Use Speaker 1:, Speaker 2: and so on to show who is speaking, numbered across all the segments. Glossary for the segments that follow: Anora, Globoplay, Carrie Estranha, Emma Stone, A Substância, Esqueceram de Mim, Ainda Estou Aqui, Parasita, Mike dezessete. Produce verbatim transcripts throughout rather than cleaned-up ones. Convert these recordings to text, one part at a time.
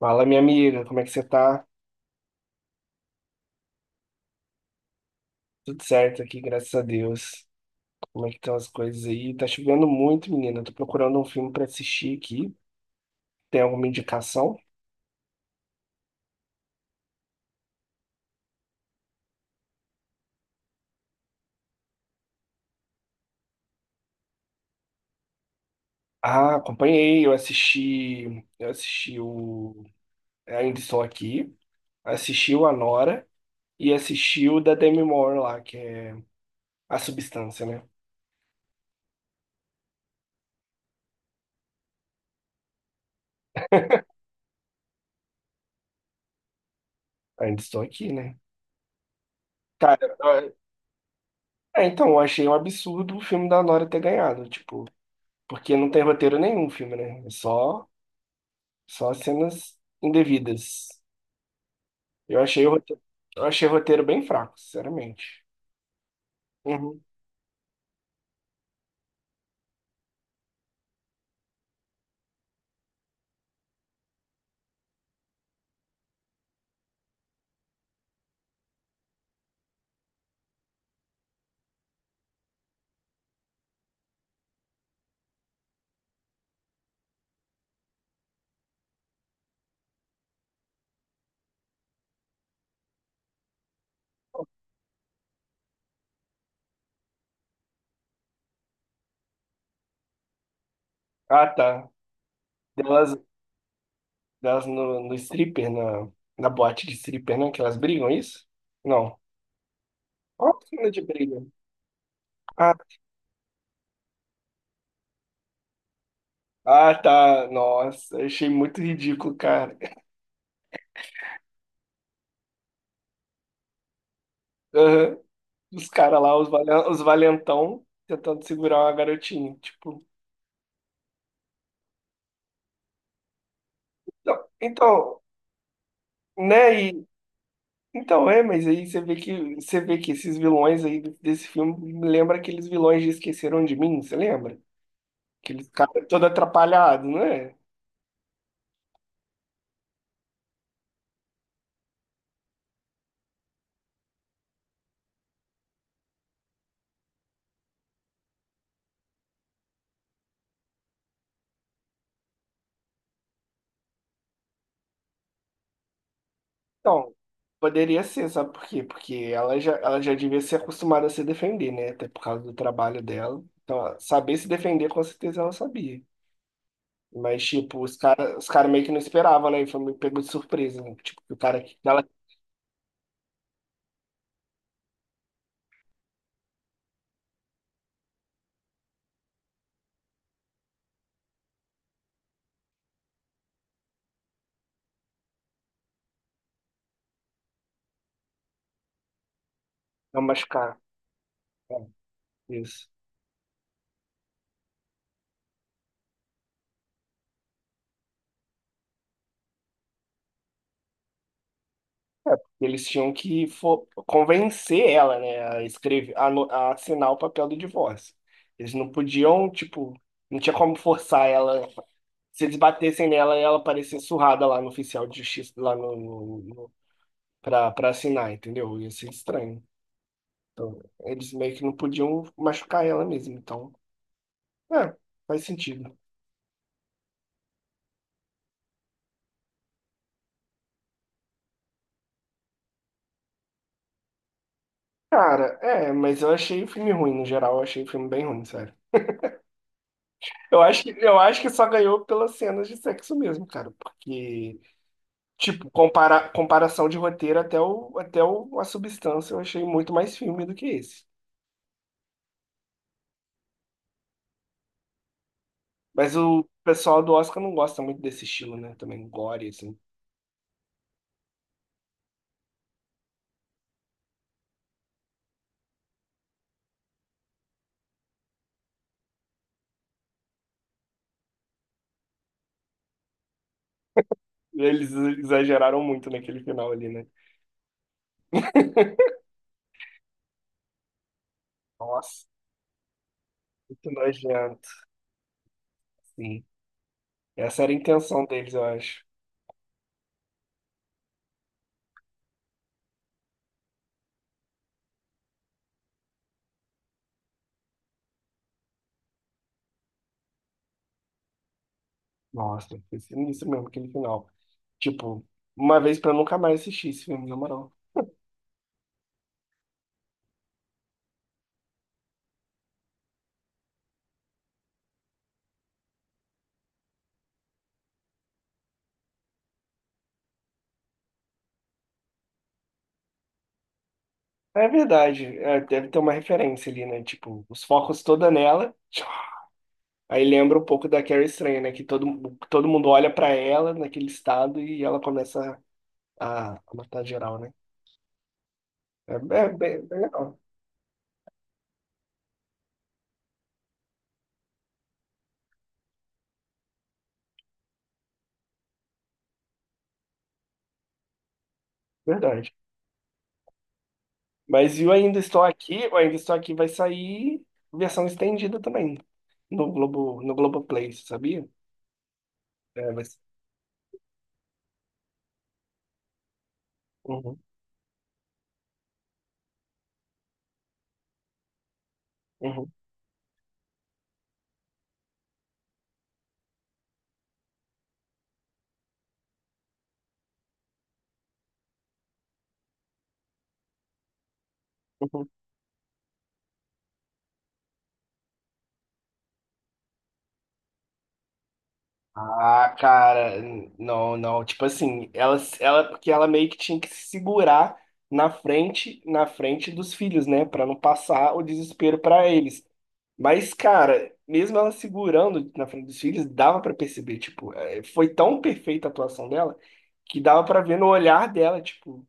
Speaker 1: Fala, minha amiga, como é que você tá? Tudo certo aqui, graças a Deus. Como é que estão as coisas aí? Tá chovendo muito, menina. Tô procurando um filme pra assistir aqui. Tem alguma indicação? Ah, acompanhei, eu assisti, eu assisti o Ainda Estou Aqui, assisti o Anora e assisti o da Demi Moore lá, que é A Substância, né? Ainda Estou Aqui, né? Cara, eu- é, então, eu achei um absurdo o filme da Nora ter ganhado, tipo, porque não tem roteiro nenhum o filme, né? É só Só cenas indevidas. Eu achei o roteiro, eu achei o roteiro bem fraco, sinceramente. Uhum. Ah, tá. Delas, delas no, no stripper, na, na boate de stripper, né? Que elas brigam, é isso? Não. Qual a cena de briga? Ah, ah, tá. Nossa, eu achei muito ridículo, cara. Aham. Os caras lá, os, valen- os valentão, tentando segurar uma garotinha. Tipo, não, então, né? Então é, mas aí você vê que você vê que esses vilões aí desse filme me lembra aqueles vilões de Esqueceram de Mim, você lembra? Aqueles cara todo atrapalhado, não é? Então, poderia ser, sabe por quê? Porque ela já, ela já devia ser acostumada a se defender, né? Até por causa do trabalho dela. Então, ela- saber se defender, com certeza ela sabia. Mas, tipo, os caras os cara meio que não esperavam, né? E foi meio pegou de surpresa, né? Tipo, que o cara que ela ia machucar. É, isso. É, porque eles tinham que fo- convencer ela, né, a escrever, a, no- a assinar o papel do divórcio. Eles não podiam, tipo, não tinha como forçar ela. Se eles batessem nela, ela parecia surrada lá no oficial de justiça, lá no, no, no- pra, pra assinar, entendeu? Ia ser estranho. Então, eles meio que não podiam machucar ela mesmo. Então, é, faz sentido. Cara, é, mas eu achei o filme ruim, no geral, eu achei o filme bem ruim, sério. Eu acho que, eu acho que só ganhou pelas cenas de sexo mesmo, cara, porque tipo, compara comparação de roteiro até, o, até o, a substância, eu achei muito mais filme do que esse. Mas o pessoal do Oscar não gosta muito desse estilo, né? Também gore, assim. Eles exageraram muito naquele final ali, né? Nossa, muito nojento, sim. Essa era a intenção deles, eu acho. Nossa, foi sinistro mesmo aquele final. Tipo, uma vez pra nunca mais assistir esse filme, na moral. É verdade, é, deve ter uma referência ali, né? Tipo, os focos toda nela. Aí lembra um pouco da Carrie Estranha, né? Que todo, todo mundo olha pra ela naquele estado e ela começa a, a matar geral, né? É, é bem, bem legal, verdade. Mas e o Ainda Estou Aqui, o Ainda Estou Aqui vai sair versão estendida também no Globo, no Globoplay, você sabia? É, vai ser. Uhum, uhum, uhum. Ah, cara, n- não, não. Tipo assim, ela, ela, porque ela meio que tinha que se segurar na frente, na frente dos filhos, né, pra não passar o desespero pra eles. Mas, cara, mesmo ela segurando na frente dos filhos, dava pra perceber, tipo, eh, foi tão perfeita a atuação dela que dava pra ver no olhar dela, tipo,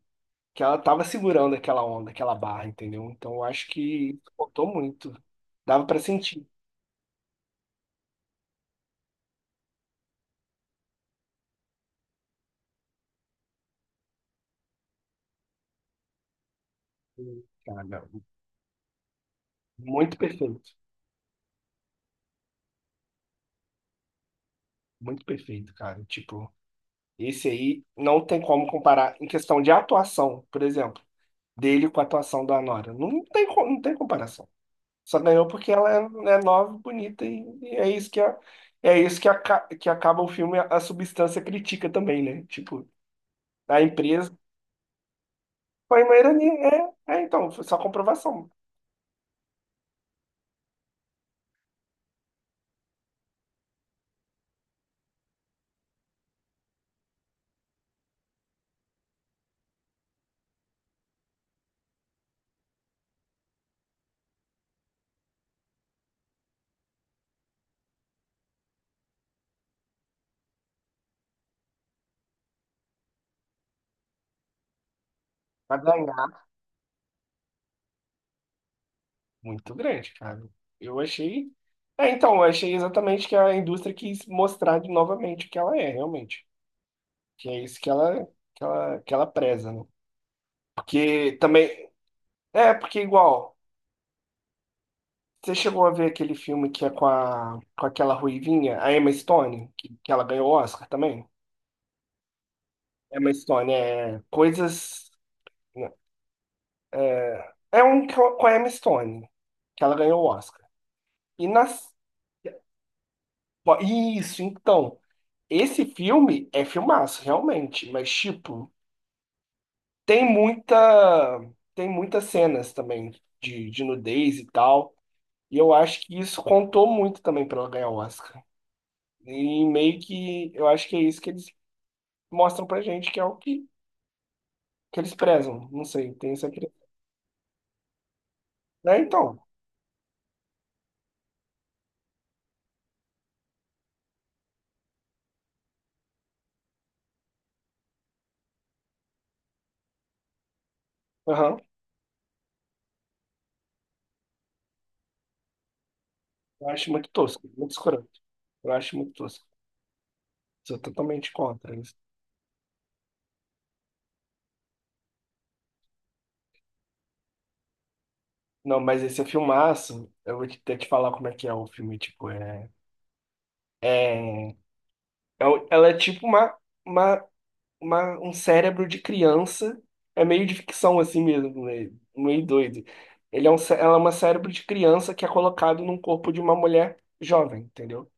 Speaker 1: que ela tava segurando aquela onda, aquela barra, entendeu? Então, eu acho que faltou muito. Dava pra sentir, cara, muito perfeito. Muito perfeito, cara. Tipo, esse aí não tem como comparar em questão de atuação, por exemplo, dele com a atuação da Nora. Não tem, co- não tem comparação. Só ganhou porque ela é, é nova, bonita e, e é isso que a, é isso que, aca- que acaba o filme, a, a substância crítica também, né? Tipo, a empresa foi uma ironia. É, é, então, foi só comprovação. Pra ganhar, muito grande, cara. Eu achei. É, então, eu achei exatamente que a indústria quis mostrar de novamente o que ela é, realmente. Que é isso que ela, que ela, que ela preza, né? Porque também. É, porque igual. Você chegou a ver aquele filme que é com, a, com aquela ruivinha, a Emma Stone, que, que ela ganhou o Oscar também? Emma Stone, é. Coisas. É, é um co- com a Emma Stone, que ela ganhou o Oscar. E nas. Pô, isso, então. Esse filme é filmaço, realmente, mas, tipo, tem muita. Tem muitas cenas também de, de nudez e tal. E eu acho que isso contou muito também para ela ganhar o Oscar. E meio que eu acho que é isso que eles mostram pra gente, que é o que, que eles prezam. Não sei, tem essa crítica. Né, então, aham, eu acho muito tosco, muito escroto. Eu acho muito tosco. Sou totalmente contra isso. Não, mas esse é filmaço, eu vou te- até te falar como é que é o filme, tipo, é... é o- Ela é tipo uma, uma uma- um cérebro de criança. É meio de ficção assim mesmo, né? Meio doido. Ele é um, cé- ela é uma cérebro de criança que é colocado num corpo de uma mulher jovem, entendeu?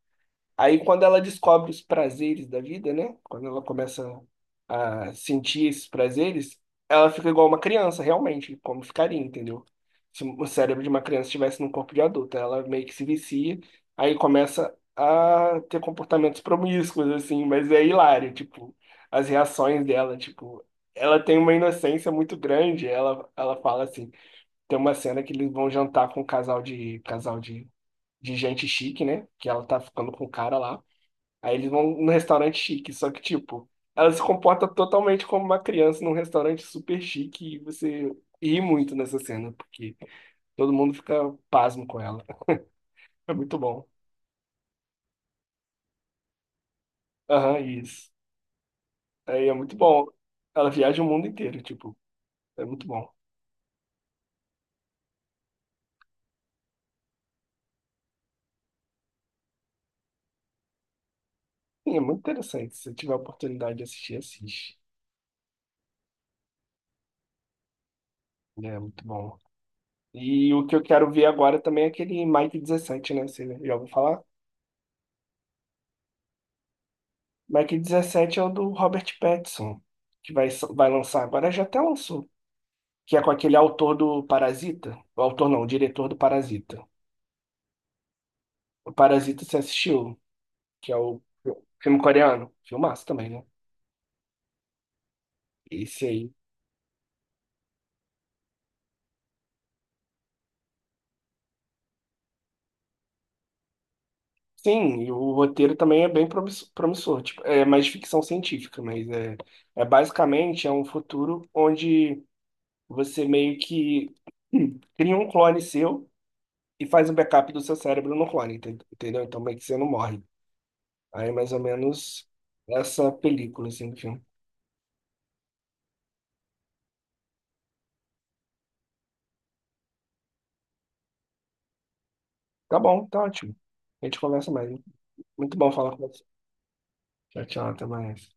Speaker 1: Aí, quando ela descobre os prazeres da vida, né? Quando ela começa a sentir esses prazeres, ela fica igual uma criança, realmente, como ficaria, entendeu? Se o cérebro de uma criança estivesse num corpo de adulto, ela meio que se vicia, aí começa a ter comportamentos promíscuos, assim, mas é hilário, tipo, as reações dela, tipo, ela tem uma inocência muito grande, ela, ela fala assim, tem uma cena que eles vão jantar com um casal de, casal de, de gente chique, né? Que ela tá ficando com o cara lá. Aí eles vão num restaurante chique, só que, tipo, ela se comporta totalmente como uma criança num restaurante super chique e você ri muito nessa cena, porque todo mundo fica pasmo com ela. É muito bom. Aham, isso. Aí é muito bom. Ela viaja o mundo inteiro, tipo, é muito bom. Sim, é muito interessante. Se você tiver a oportunidade de assistir, assiste. É muito bom. E o que eu quero ver agora também é aquele Mike dezessete, né? Você já ouviu falar? Mike dezessete é o do Robert Pattinson que vai, so-, vai lançar agora, já até lançou que é com aquele autor do Parasita. O autor não, o diretor do Parasita. O Parasita você assistiu, que é o filme coreano. Filmaço também, né? Esse aí. Sim, e o roteiro também é bem promisso- promissor. Tipo, é mais ficção científica, mas é, é basicamente é um futuro onde você meio que hum, cria um clone seu e faz um backup do seu cérebro no clone, enten- entendeu? Então meio que você não morre. Aí é mais ou menos essa película assim do filme. Tá bom, tá ótimo. A gente conversa mais. Muito bom falar com você. Tchau, tchau, até mais.